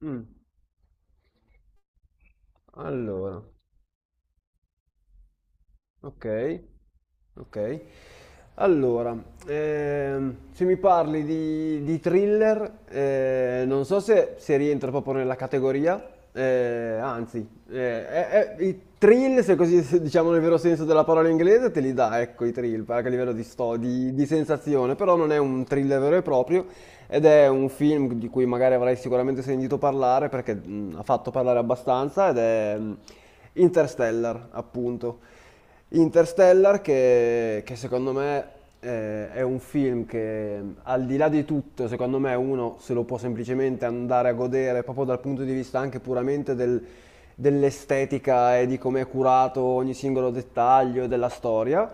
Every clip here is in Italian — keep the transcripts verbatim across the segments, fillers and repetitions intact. Mh. Allora, ok, ok. Allora, ehm, se mi parli di, di thriller, eh, non so se, se rientra proprio nella categoria. eh, anzi, eh, è- è- I thrill, se così se diciamo nel vero senso della parola inglese, te li dà, ecco, i thrill, anche a livello di, sto- di- di sensazione, però non è un thriller vero e proprio, ed è un film di cui magari avrai sicuramente sentito parlare perché mm, ha fatto parlare abbastanza, ed è, mm, Interstellar, appunto. Interstellar che, che secondo me eh, è un film che, al di là di tutto, secondo me uno se lo può semplicemente andare a godere proprio dal punto di vista anche puramente del- dell'estetica e di come è curato ogni singolo dettaglio della storia.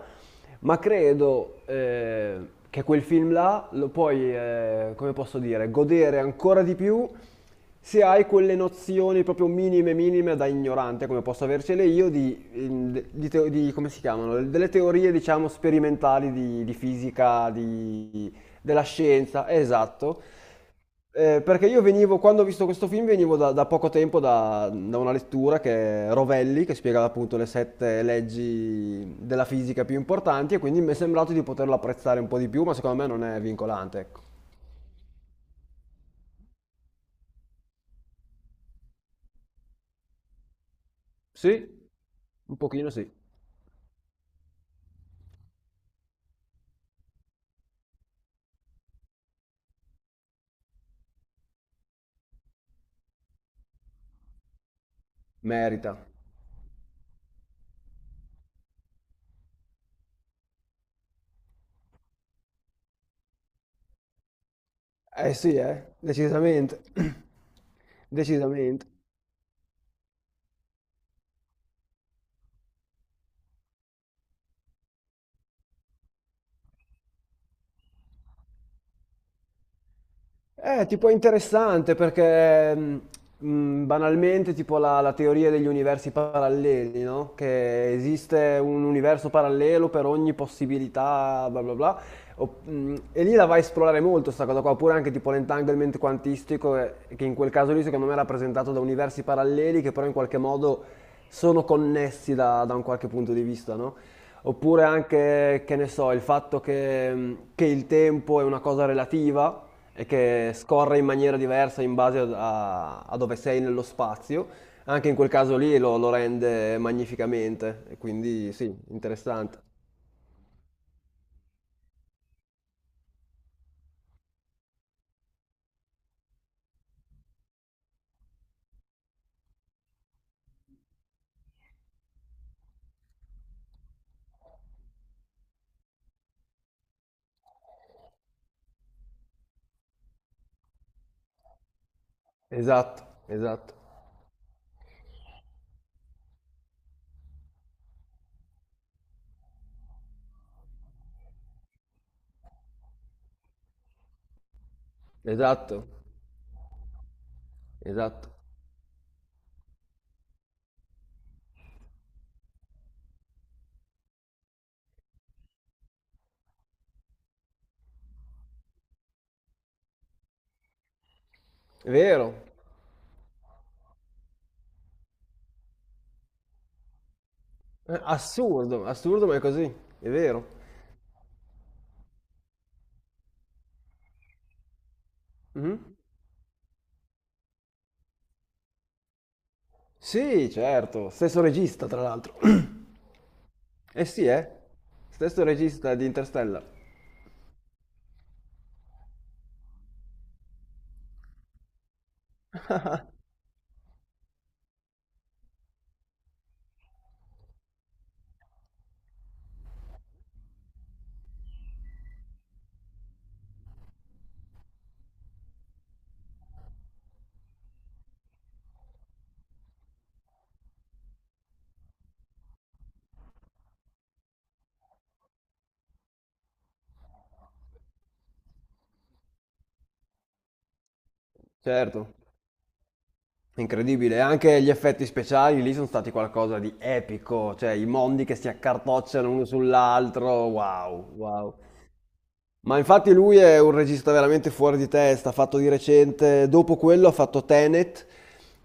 Ma credo eh, che quel film là lo puoi, eh, come posso dire, godere ancora di più se hai quelle nozioni proprio minime, minime, da ignorante, come posso avercele io, di, ehm, di teo- di- come si chiamano? Delle teorie, diciamo, sperimentali di, di fisica, di- della scienza, esatto. Eh, perché io venivo, quando ho visto questo film, venivo da, da poco tempo da, da una lettura che è Rovelli, che spiegava appunto le sette leggi della fisica più importanti, e quindi mi è sembrato di poterlo apprezzare un po' di più, ma secondo me non è vincolante, ecco. Sì? Un pochino sì, merita. Eh sì, eh, decisamente. Decisamente. Eh, tipo è interessante perché mh, mh, banalmente tipo la, la teoria degli universi paralleli, no? Che esiste un universo parallelo per ogni possibilità, bla bla bla. O- mh, e lì la vai a esplorare molto sta cosa qua, oppure anche tipo l'entanglement quantistico, eh, che in quel caso lì secondo me è rappresentato da universi paralleli che però in qualche modo sono connessi da, da un qualche punto di vista, no? Oppure anche, che ne so, il fatto che, mh, che il tempo è una cosa relativa e che scorre in maniera diversa in base a, a dove sei nello spazio. Anche in quel caso lì lo, lo rende magnificamente, e quindi sì, interessante. Esatto, esatto, esatto, esatto. È vero. Eh, assurdo, assurdo, ma è così, è vero. Mhm. Sì, certo, stesso regista tra l'altro. Eh sì, eh, stesso regista di Interstellar, certo. Incredibile, anche gli effetti speciali lì sono stati qualcosa di epico, cioè i mondi che si accartocciano uno sull'altro, wow, wow. Ma infatti lui è un regista veramente fuori di testa, ha fatto di recente, dopo quello ha fatto Tenet,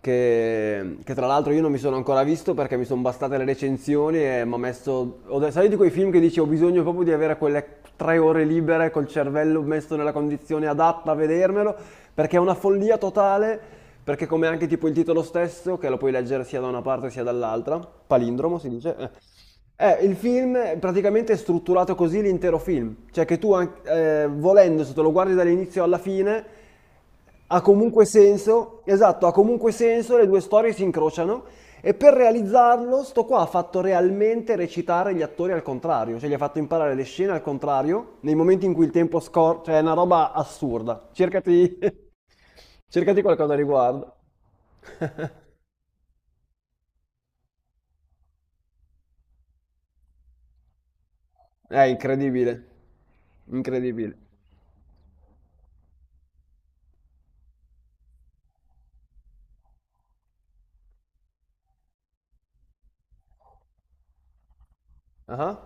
che, che tra l'altro io non mi sono ancora visto perché mi sono bastate le recensioni e mi ha messo... ho de- Sai di quei film che dici ho bisogno proprio di avere quelle tre ore libere col cervello messo nella condizione adatta a vedermelo, perché è una follia totale, perché come anche tipo il titolo stesso, che lo puoi leggere sia da una parte sia dall'altra, palindromo si dice, eh, eh, il film praticamente è strutturato così l'intero film, cioè che tu an- eh, volendo, se te lo guardi dall'inizio alla fine ha comunque senso, esatto, ha comunque senso, le due storie si incrociano, e per realizzarlo sto qua ha fatto realmente recitare gli attori al contrario, cioè gli ha fatto imparare le scene al contrario nei momenti in cui il tempo scorre, cioè è una roba assurda. Cercati, cercati qualcosa a riguardo. È incredibile, incredibile. Ah,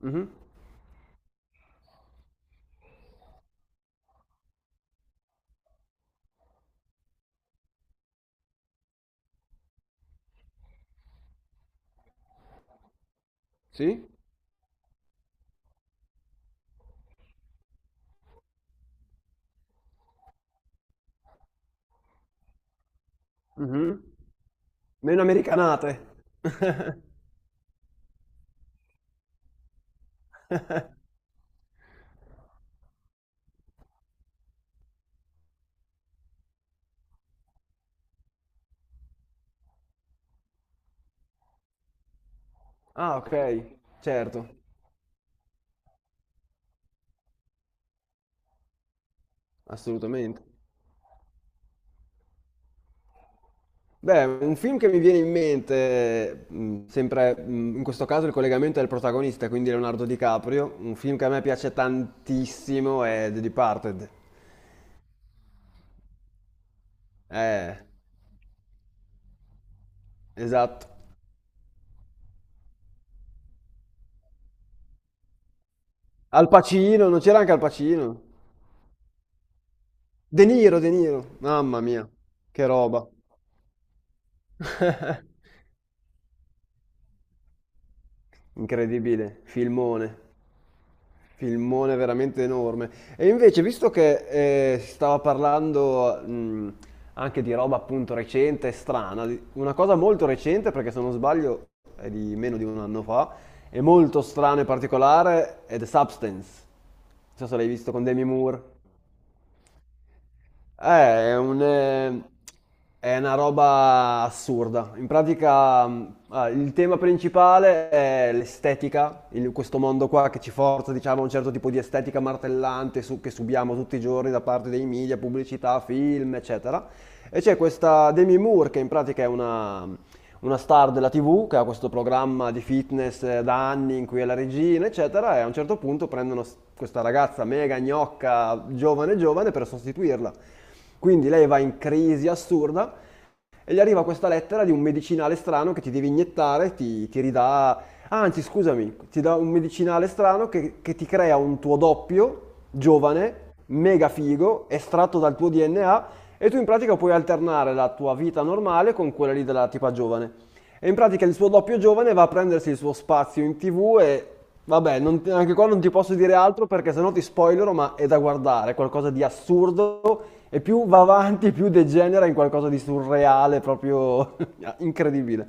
mhm. Sì? Mh-mh. Meno americanate. Ah, okay, certo, assolutamente. Beh, un film che mi viene in mente, mhmm, sempre, mhmm, in questo caso il collegamento è il protagonista, quindi Leonardo DiCaprio, un film che a me piace tantissimo è The Departed. Eh, esatto. Al Pacino, non c'era anche Al Pacino? De Niro, De Niro, mamma mia, che roba. Incredibile, filmone. Filmone veramente enorme. E invece, visto che eh, si stava parlando, mh, anche di roba appunto recente e strana, di- una cosa molto recente, perché se non sbaglio è di meno di un anno fa, è molto strana e particolare, è The Substance. Non so se l'hai visto, con Demi Moore. Eh, è un, eh, è una roba assurda. In pratica, mh, ah, il tema principale è l'estetica, il- questo mondo qua che ci forza, diciamo, a un certo tipo di estetica martellante su- che subiamo tutti i giorni da parte dei media, pubblicità, film, eccetera. E c'è questa Demi Moore, che in pratica è una, una star della T V, che ha questo programma di fitness eh, da anni, in cui è la regina, eccetera, e a un certo punto prendono s- questa ragazza mega gnocca, giovane giovane, per sostituirla. Quindi lei va in crisi assurda e gli arriva questa lettera di un medicinale strano che ti devi iniettare, ti, ti ridà, anzi scusami, ti dà un medicinale strano che, che ti crea un tuo doppio, giovane, mega figo, estratto dal tuo D N A, e tu in pratica puoi alternare la tua vita normale con quella lì della tipa giovane. E in pratica il suo doppio giovane va a prendersi il suo spazio in T V, e vabbè, non ti- anche qua non ti posso dire altro perché sennò ti spoilero, ma è da guardare, è qualcosa di assurdo, e più va avanti più degenera in qualcosa di surreale, proprio incredibile.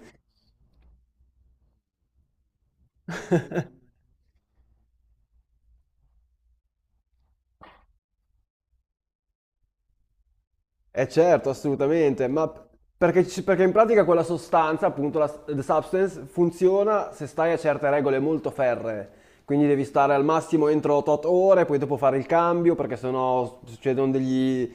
E certo, assolutamente, ma perché, ci- perché in pratica quella sostanza, appunto la s- the substance, funziona se stai a certe regole molto ferree. Quindi devi stare al massimo entro tot ore, poi dopo fare il cambio perché sennò succedono degli...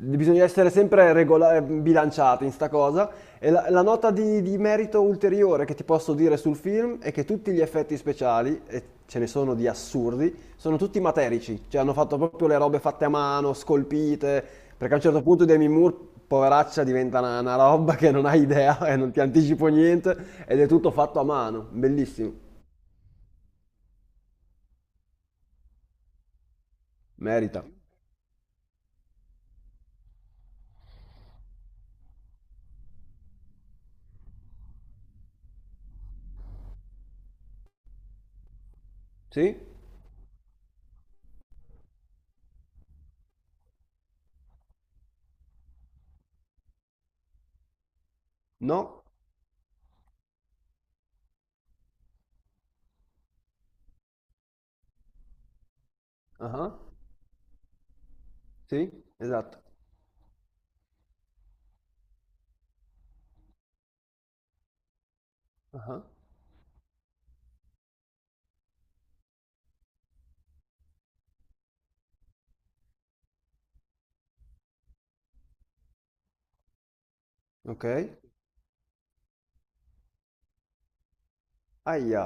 Bisogna essere sempre regola- eh, bilanciati in sta cosa. E la, la nota di, di merito ulteriore che ti posso dire sul film è che tutti gli effetti speciali, e ce ne sono di assurdi, sono tutti materici, cioè hanno fatto proprio le robe fatte a mano, scolpite, perché a un certo punto Demi Moore, poveraccia, diventa una, una roba che non hai idea, e non ti anticipo niente, ed è tutto fatto a mano, bellissimo, merita. Sì? No? Ah, sì? Esatto. Ah, ok. Aia.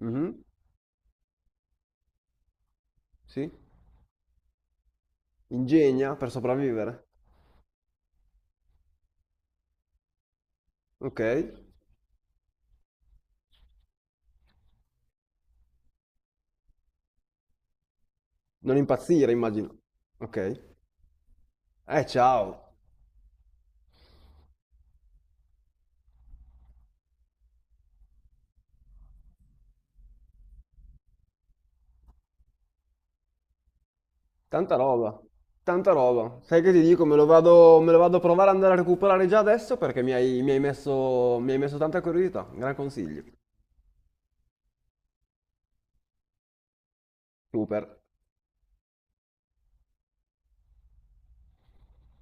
Mhm. Sì. Ingegna per sopravvivere. Ok. Non impazzire, immagino. Ok. Eh, ciao. Tanta roba. Tanta roba. Sai che ti dico? Me lo vado, me lo vado a provare ad andare a recuperare già adesso perché mi hai, mi hai messo, mi hai messo tanta curiosità. Gran consiglio. Super.